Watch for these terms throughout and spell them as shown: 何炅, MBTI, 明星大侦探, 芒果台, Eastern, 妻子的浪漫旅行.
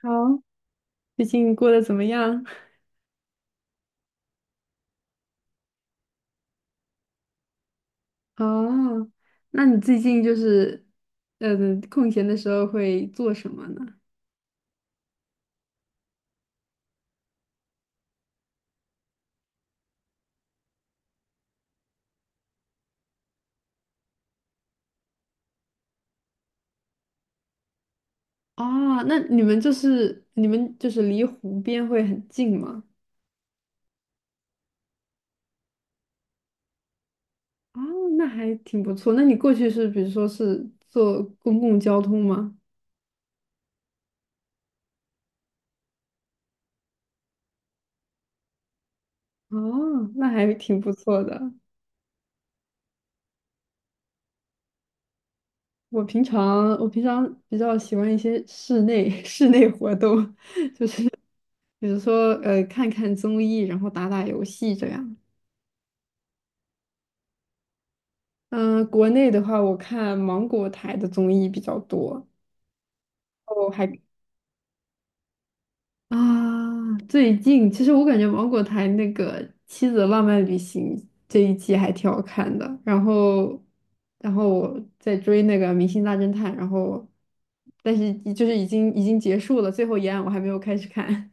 好，最近过得怎么样？哦，那你最近就是，呃，空闲的时候会做什么呢？哦，那你们就是离湖边会很近吗？哦，那还挺不错。那你过去是比如说是坐公共交通吗？哦，那还挺不错的。我平常比较喜欢一些室内 室内活动，比如说看看综艺，然后打打游戏这样。嗯，国内的话，我看芒果台的综艺比较多。哦，还啊，最近其实我感觉芒果台那个《妻子的浪漫旅行》这一季还挺好看的。然后，然后我在追那个《明星大侦探》，然后但是就是已经结束了，最后一案我还没有开始看。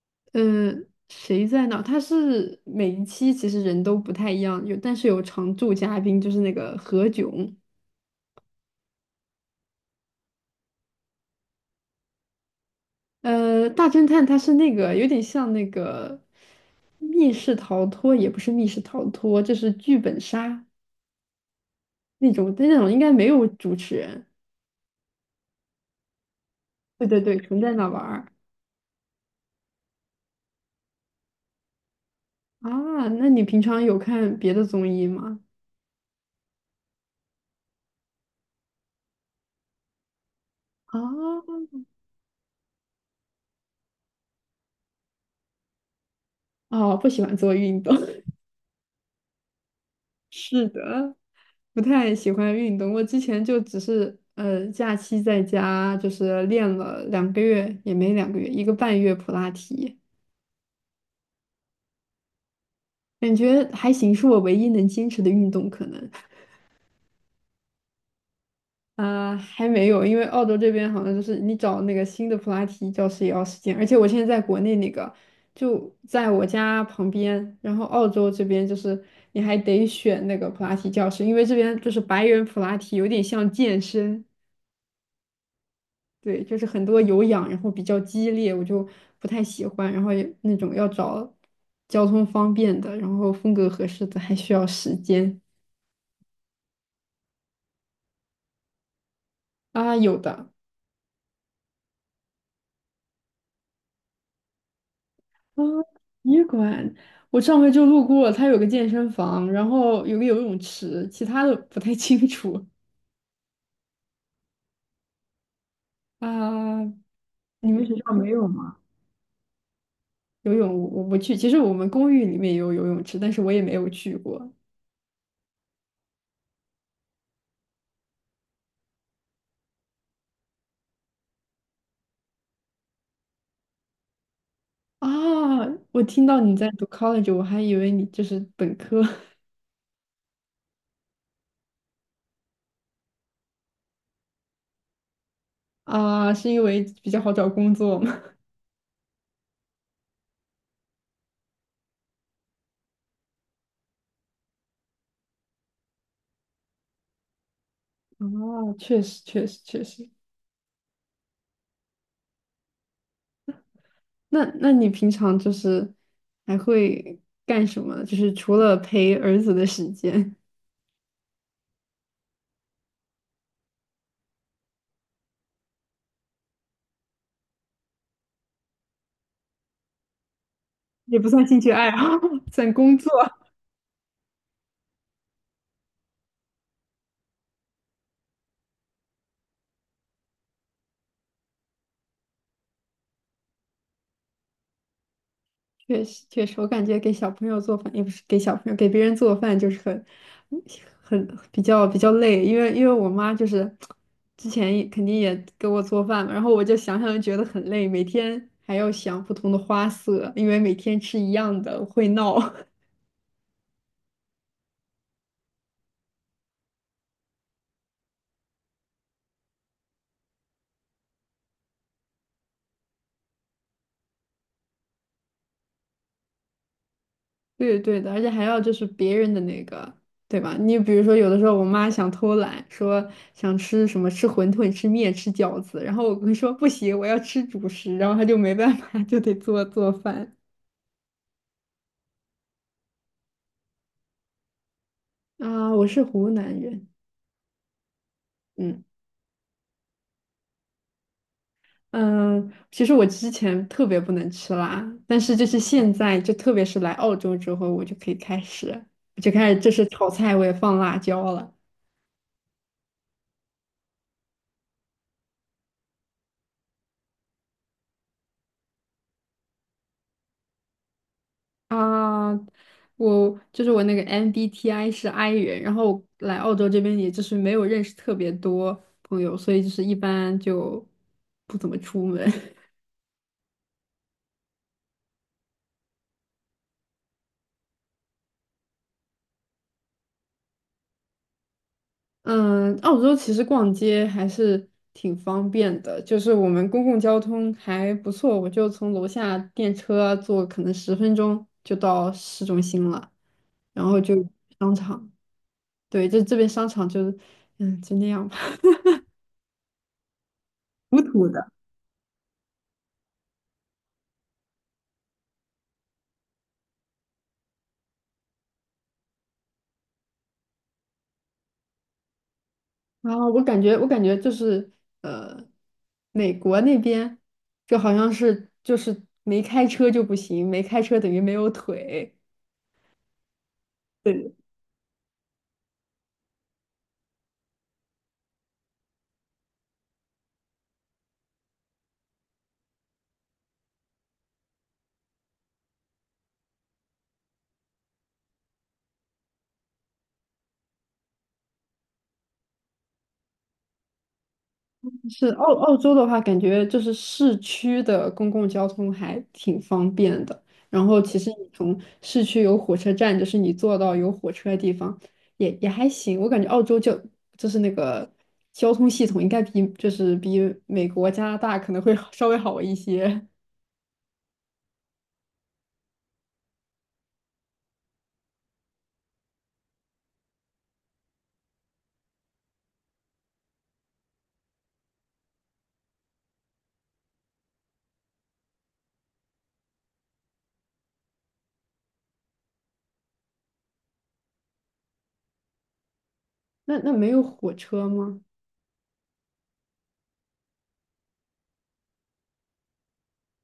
嗯，谁在哪儿他是每一期其实人都不太一样，但是有常驻嘉宾，就是那个何炅。大侦探他是那个有点像那个密室逃脱，也不是密室逃脱，就是剧本杀那种，但那种应该没有主持人。对对对，纯在那玩儿。啊，那你平常有看别的综艺吗？啊，哦，不喜欢做运动。是的，不太喜欢运动。我之前就只是假期在家就是练了两个月，也没两个月，1个半月普拉提，感觉还行，是我唯一能坚持的运动可能。啊，还没有，因为澳洲这边好像就是你找那个新的普拉提教室也要时间，而且我现在在国内那个就在我家旁边，然后澳洲这边就是你还得选那个普拉提教室，因为这边就是白人普拉提有点像健身，对，就是很多有氧，然后比较激烈，我就不太喜欢，然后也那种要找交通方便的，然后风格合适的，还需要时间。啊，有的。啊，体育馆，我上回就路过，它有个健身房，然后有个游泳池，其他的不太 清楚。啊，你们学校没有吗？游泳我不去，其实我们公寓里面也有游泳池，但是我也没有去过。啊，我听到你在读 college，我还以为你就是本科。 啊，是因为比较好找工作吗？啊，确实。那那你平常就是还会干什么？就是除了陪儿子的时间。也不算兴趣爱好，算工作。确实，确实，我感觉给小朋友做饭，也不是给小朋友，给别人做饭就是很、嗯很比较累，因为我妈就是之前也肯定也给我做饭嘛，然后我就想就觉得很累，每天还要想不同的花色，因为每天吃一样的会闹。对对的，而且还要就是别人的那个，对吧？你比如说，有的时候我妈想偷懒，说想吃什么，吃馄饨、吃面、吃饺子，然后我会说 不行，我要吃主食，然后她就没办法，就得做饭。啊，我是湖南人。嗯。嗯，其实我之前特别不能吃辣，但是就是现在，就特别是来澳洲之后，我就可以开始，我就开始就是炒菜我也放辣椒了。啊，我就是我那个 MBTI 是 I 人，然后来澳洲这边也就是没有认识特别多朋友，所以就是一般就不怎么出门。嗯，澳洲其实逛街还是挺方便的，就是我们公共交通还不错，我就从楼下电车坐可能10分钟就到市中心了，然后就商场，对，这边商场就就那样吧，土土的。然后我感觉就是呃，美国那边就好像是就是没开车就不行，没开车等于没有腿。对，是澳澳洲的话，感觉就是市区的公共交通还挺方便的。然后其实你从市区有火车站，就是你坐到有火车的地方，也也还行。我感觉澳洲就就是那个交通系统应该比就是比美国、加拿大可能会好稍微好一些。那那没有火车吗？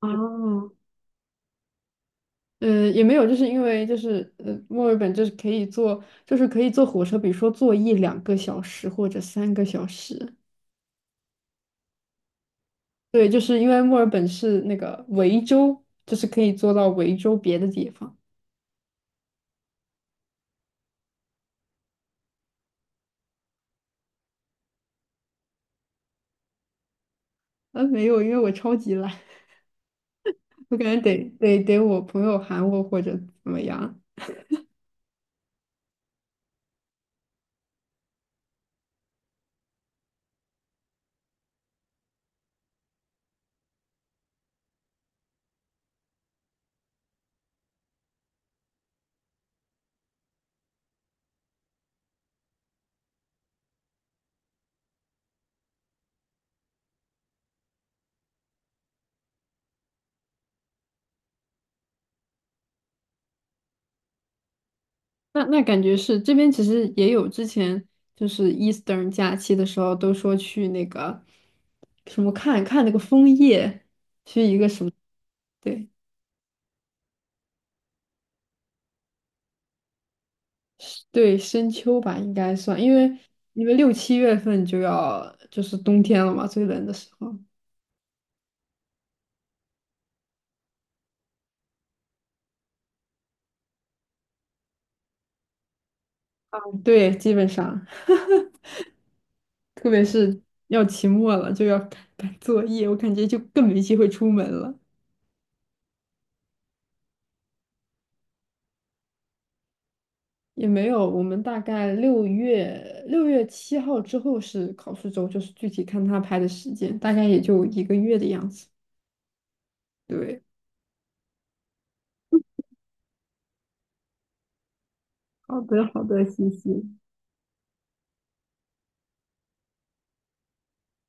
哦，也没有，就是因为墨尔本就是可以坐，就是可以坐火车，比如说坐1两个小时或者3个小时。对，就是因为墨尔本是那个维州，就是可以坐到维州别的地方。啊，没有，因为我超级懒，我感觉得我朋友喊我或者怎么样。那那感觉是这边其实也有之前就是 Eastern 假期的时候都说去那个什么看看那个枫叶。对，对，深秋吧，应该算，因为6、7月份就要就是冬天了嘛，最冷的时候。对，基本上，特别是要期末了，就要赶作业，我感觉就更没机会出门了。也没有，我们大概6月7号之后是考试周，就是具体看他排的时间，大概也就1个月的样子。对，好的，好的，谢谢。